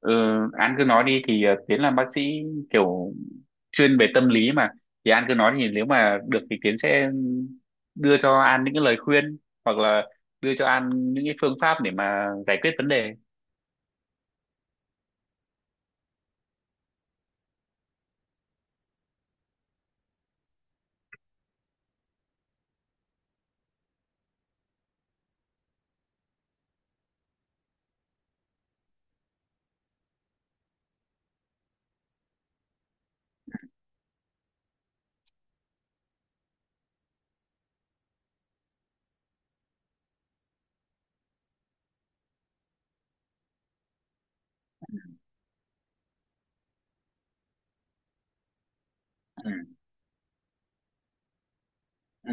Ừ. An cứ nói đi, thì Tiến làm bác sĩ, kiểu chuyên về tâm lý mà. Thì An cứ nói, thì nếu mà được thì Tiến sẽ đưa cho An những cái lời khuyên, hoặc là đưa cho An những cái phương pháp để mà giải quyết vấn đề. Ừ. Ừ.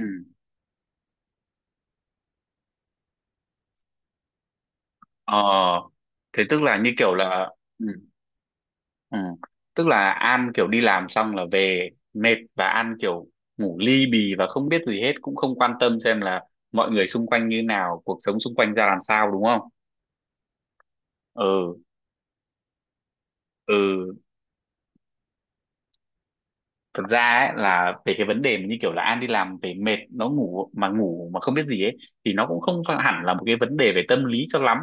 Ờ. Thế tức là như kiểu là. Ừ. Ừ. Tức là An kiểu đi làm xong là về mệt, và An kiểu ngủ ly bì và không biết gì hết, cũng không quan tâm xem là mọi người xung quanh như nào, cuộc sống xung quanh ra làm sao, đúng không? Ừ. Ừ. Thực ra ấy, là về cái vấn đề mà như kiểu là An đi làm về mệt, nó ngủ mà không biết gì ấy, thì nó cũng không phải hẳn là một cái vấn đề về tâm lý cho lắm.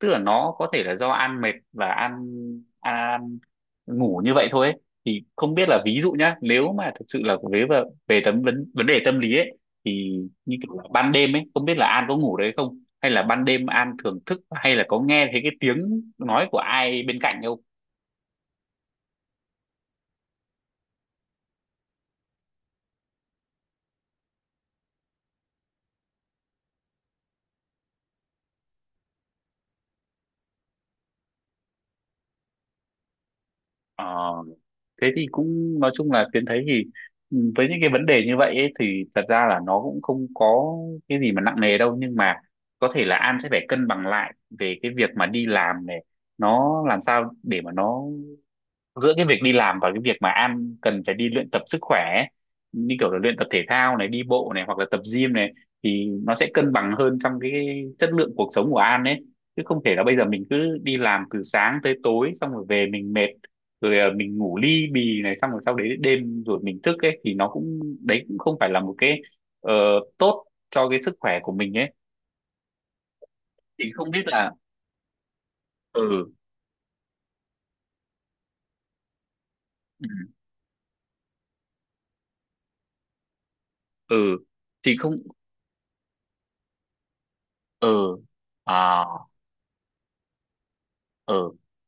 Tức là nó có thể là do An mệt và An ngủ như vậy thôi ấy. Thì không biết là, ví dụ nhá, nếu mà thực sự là về về, về tấm vấn vấn đề tâm lý ấy, thì như kiểu là ban đêm ấy, không biết là An có ngủ đấy không, hay là ban đêm An thường thức, hay là có nghe thấy cái tiếng nói của ai bên cạnh không? Ờ, thế thì cũng nói chung là Tiến thấy thì, với những cái vấn đề như vậy ấy, thì thật ra là nó cũng không có cái gì mà nặng nề đâu, nhưng mà có thể là An sẽ phải cân bằng lại về cái việc mà đi làm này, nó làm sao để mà nó giữa cái việc đi làm và cái việc mà An cần phải đi luyện tập sức khỏe ấy, như kiểu là luyện tập thể thao này, đi bộ này, hoặc là tập gym này, thì nó sẽ cân bằng hơn trong cái chất lượng cuộc sống của An ấy. Chứ không thể là bây giờ mình cứ đi làm từ sáng tới tối, xong rồi về mình mệt, rồi à, mình ngủ li bì này, xong rồi sau đấy đêm rồi mình thức ấy, thì nó cũng đấy, cũng không phải là một cái ờ, tốt cho cái sức khỏe của mình ấy. Thì không biết là, ừ, ừ, ừ. Thì không, ừ, à, ờ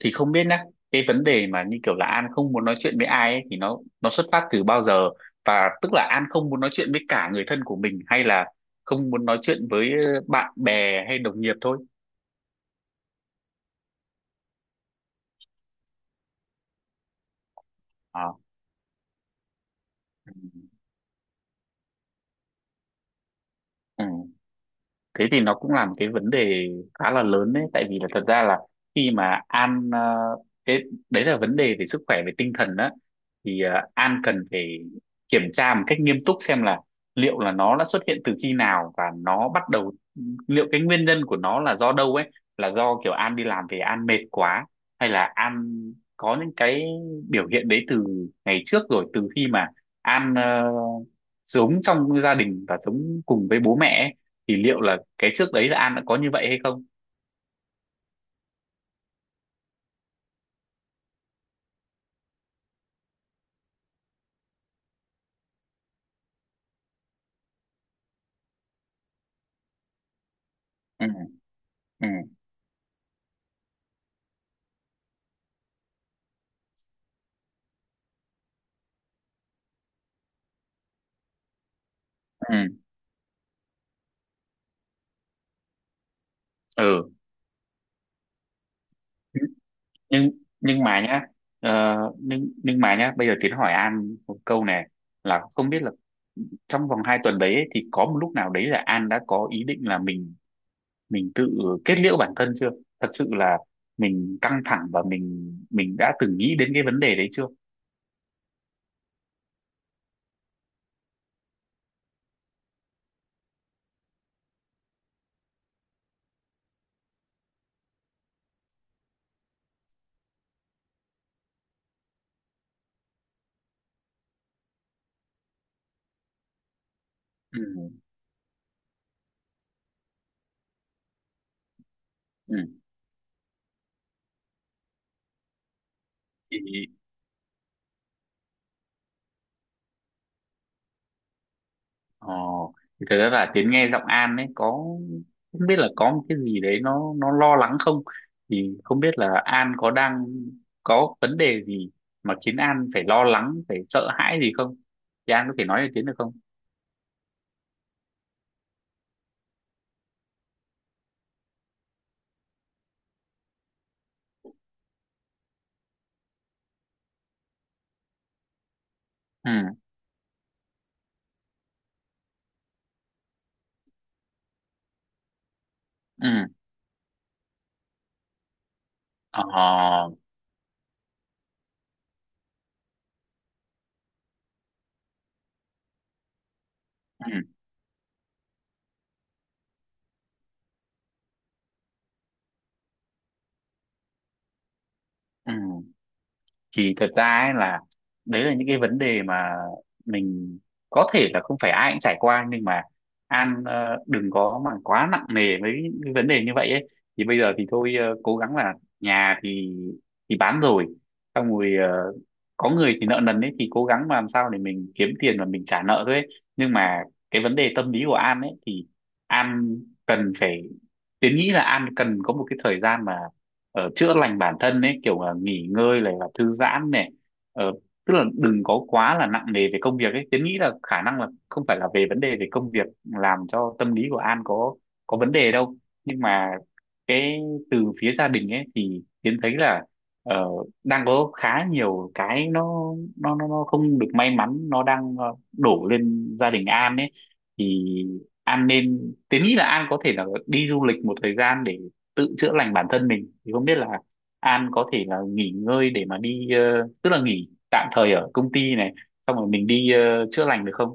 thì không biết nhá, cái vấn đề mà như kiểu là An không muốn nói chuyện với ai ấy, thì nó xuất phát từ bao giờ, và tức là An không muốn nói chuyện với cả người thân của mình, hay là không muốn nói chuyện với bạn bè hay đồng nghiệp thôi? À. Ừ. Thế thì nó cũng là một cái vấn đề khá là lớn đấy, tại vì là thật ra là khi mà An cái đấy là vấn đề về sức khỏe về tinh thần đó, thì An cần phải kiểm tra một cách nghiêm túc xem là liệu là nó đã xuất hiện từ khi nào, và nó bắt đầu, liệu cái nguyên nhân của nó là do đâu ấy. Là do kiểu An đi làm về An mệt quá, hay là An có những cái biểu hiện đấy từ ngày trước rồi, từ khi mà An sống trong gia đình và sống cùng với bố mẹ ấy, thì liệu là cái trước đấy là An đã có như vậy hay không? Ừ. Ừ. Ừ. Ừ. nhưng nhưng mà nhá nhưng mà nhá, bây giờ Tiến hỏi An một câu này, là không biết là trong vòng 2 tuần đấy ấy, thì có một lúc nào đấy là An đã có ý định là mình tự kết liễu bản thân chưa? Thật sự là mình căng thẳng và mình đã từng nghĩ đến cái vấn đề đấy chưa? Ừ. Ừ. Ồ, thì thật ra là Tiến nghe giọng An ấy, có không biết là có một cái gì đấy nó lo lắng không? Thì không biết là An có đang có vấn đề gì mà khiến An phải lo lắng, phải sợ hãi gì không, thì An có thể nói cho Tiến được không? Ừ. Ừ. Ờ. Ừ. Ừ. Thì thật ra ấy, là đấy là những cái vấn đề mà mình có thể là không phải ai cũng trải qua, nhưng mà An đừng có mà quá nặng nề với cái vấn đề như vậy ấy. Thì bây giờ thì thôi, cố gắng là, nhà thì bán rồi, xong rồi, có người thì nợ nần ấy, thì cố gắng mà làm sao để mình kiếm tiền và mình trả nợ thôi ấy. Nhưng mà cái vấn đề tâm lý của An ấy, thì An cần phải, Tiến nghĩ là An cần có một cái thời gian mà chữa lành bản thân ấy, kiểu là nghỉ ngơi này và thư giãn này. Ờ, tức là đừng có quá là nặng nề về công việc ấy, Tiến nghĩ là khả năng là không phải là về vấn đề về công việc làm cho tâm lý của An có vấn đề đâu. Nhưng mà cái từ phía gia đình ấy thì Tiến thấy là, ờ, đang có khá nhiều cái nó không được may mắn nó đang đổ lên gia đình An ấy. Thì An nên, tớ nghĩ là An có thể là đi du lịch một thời gian để tự chữa lành bản thân mình. Thì không biết là An có thể là nghỉ ngơi để mà đi tức là nghỉ tạm thời ở công ty này, xong rồi mình đi chữa lành được không?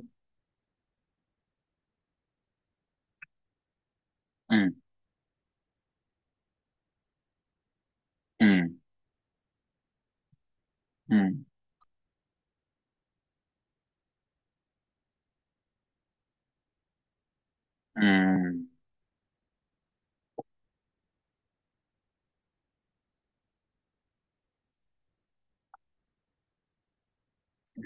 Ừ. Ừ. Ừ. Ừ. Ừ.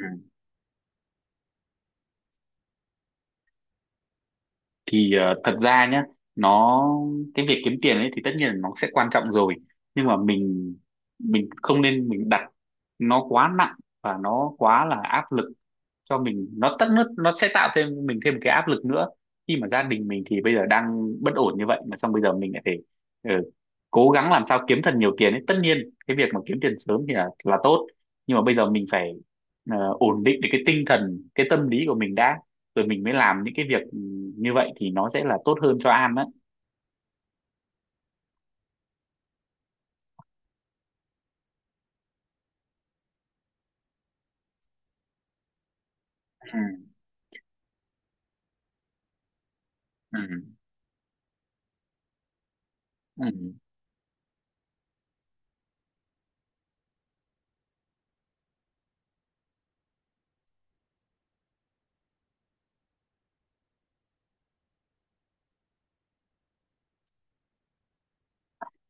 Thì ờ, thật ra nhá, nó cái việc kiếm tiền ấy thì tất nhiên là nó sẽ quan trọng rồi, nhưng mà mình không nên mình đặt nó quá nặng và nó quá là áp lực cho mình. Nó tất, nó sẽ tạo thêm mình thêm một cái áp lực nữa, khi mà gia đình mình thì bây giờ đang bất ổn như vậy, mà xong bây giờ mình lại phải ừ, cố gắng làm sao kiếm thật nhiều tiền ấy. Tất nhiên cái việc mà kiếm tiền sớm thì là tốt, nhưng mà bây giờ mình phải ổn định được cái tinh thần, cái tâm lý của mình đã, rồi mình mới làm những cái việc như vậy thì nó sẽ là tốt hơn cho An á. Ừ. Ừ. Ừ.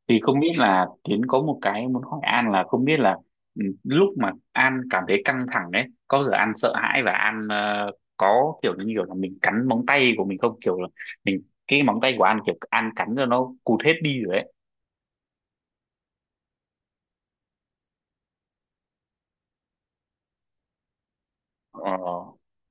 Thì không biết là Tiến có một cái muốn hỏi An, là không biết là lúc mà An cảm thấy căng thẳng đấy, có giờ An sợ hãi và An có kiểu như kiểu là mình cắn móng tay của mình không, kiểu là mình cái móng tay của An, kiểu An cắn cho nó cụt hết đi rồi đấy? Ờ,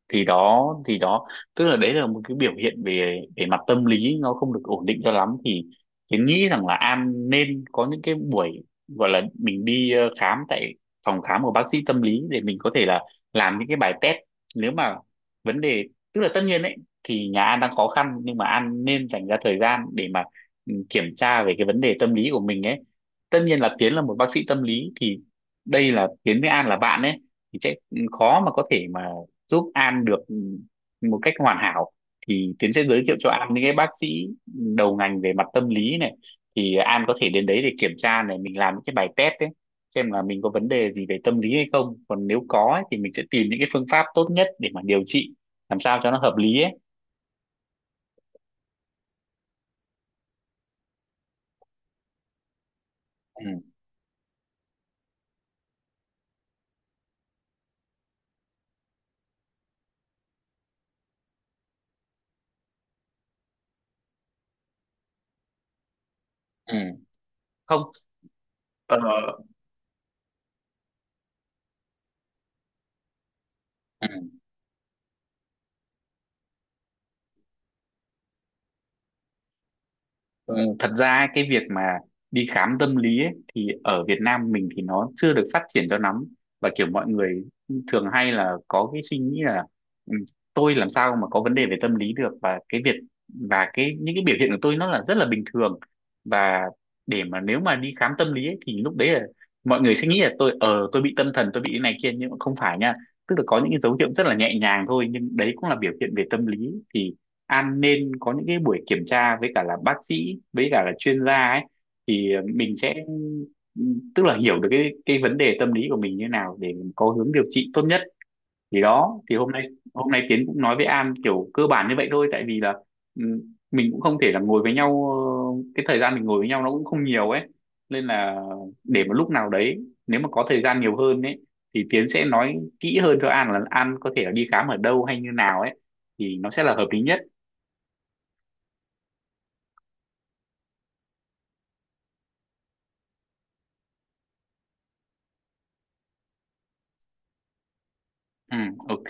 thì đó thì đó, tức là đấy là một cái biểu hiện về về mặt tâm lý nó không được ổn định cho lắm, thì Yến nghĩ rằng là An nên có những cái buổi gọi là mình đi khám tại phòng khám của bác sĩ tâm lý, để mình có thể là làm những cái bài test. Nếu mà vấn đề, tức là tất nhiên ấy, thì nhà An đang khó khăn, nhưng mà An nên dành ra thời gian để mà kiểm tra về cái vấn đề tâm lý của mình ấy. Tất nhiên là Tiến là một bác sĩ tâm lý, thì đây là Tiến với An là bạn ấy, thì sẽ khó mà có thể mà giúp An được một cách hoàn hảo. Thì Tiến sẽ giới thiệu cho An những cái bác sĩ đầu ngành về mặt tâm lý này. Thì An có thể đến đấy để kiểm tra này, mình làm những cái bài test ấy, xem là mình có vấn đề gì về tâm lý hay không. Còn nếu có ấy, thì mình sẽ tìm những cái phương pháp tốt nhất để mà điều trị, làm sao cho nó hợp lý ấy. Ừ. Ừ. Không. Ờ. Ừ. Ừ, thật ra ấy, cái việc mà đi khám tâm lý ấy, thì ở Việt Nam mình thì nó chưa được phát triển cho lắm, và kiểu mọi người thường hay là có cái suy nghĩ là "Ừ, tôi làm sao mà có vấn đề về tâm lý được", và cái những cái biểu hiện của tôi nó là rất là bình thường, và để mà nếu mà đi khám tâm lý ấy, thì lúc đấy là mọi người sẽ nghĩ là tôi bị tâm thần, tôi bị cái này kia. Nhưng mà không phải nha, tức là có những cái dấu hiệu rất là nhẹ nhàng thôi, nhưng đấy cũng là biểu hiện về tâm lý. Thì An nên có những cái buổi kiểm tra với cả là bác sĩ, với cả là chuyên gia ấy, thì mình sẽ, tức là hiểu được cái vấn đề tâm lý của mình như nào để mình có hướng điều trị tốt nhất. Thì đó, thì hôm nay, Tiến cũng nói với An kiểu cơ bản như vậy thôi, tại vì là ừ, mình cũng không thể là ngồi với nhau, cái thời gian mình ngồi với nhau nó cũng không nhiều ấy. Nên là, để một lúc nào đấy nếu mà có thời gian nhiều hơn ấy, thì Tiến sẽ nói kỹ hơn cho An là An có thể là đi khám ở đâu hay như nào ấy, thì nó sẽ là hợp lý nhất. Ừ, ok.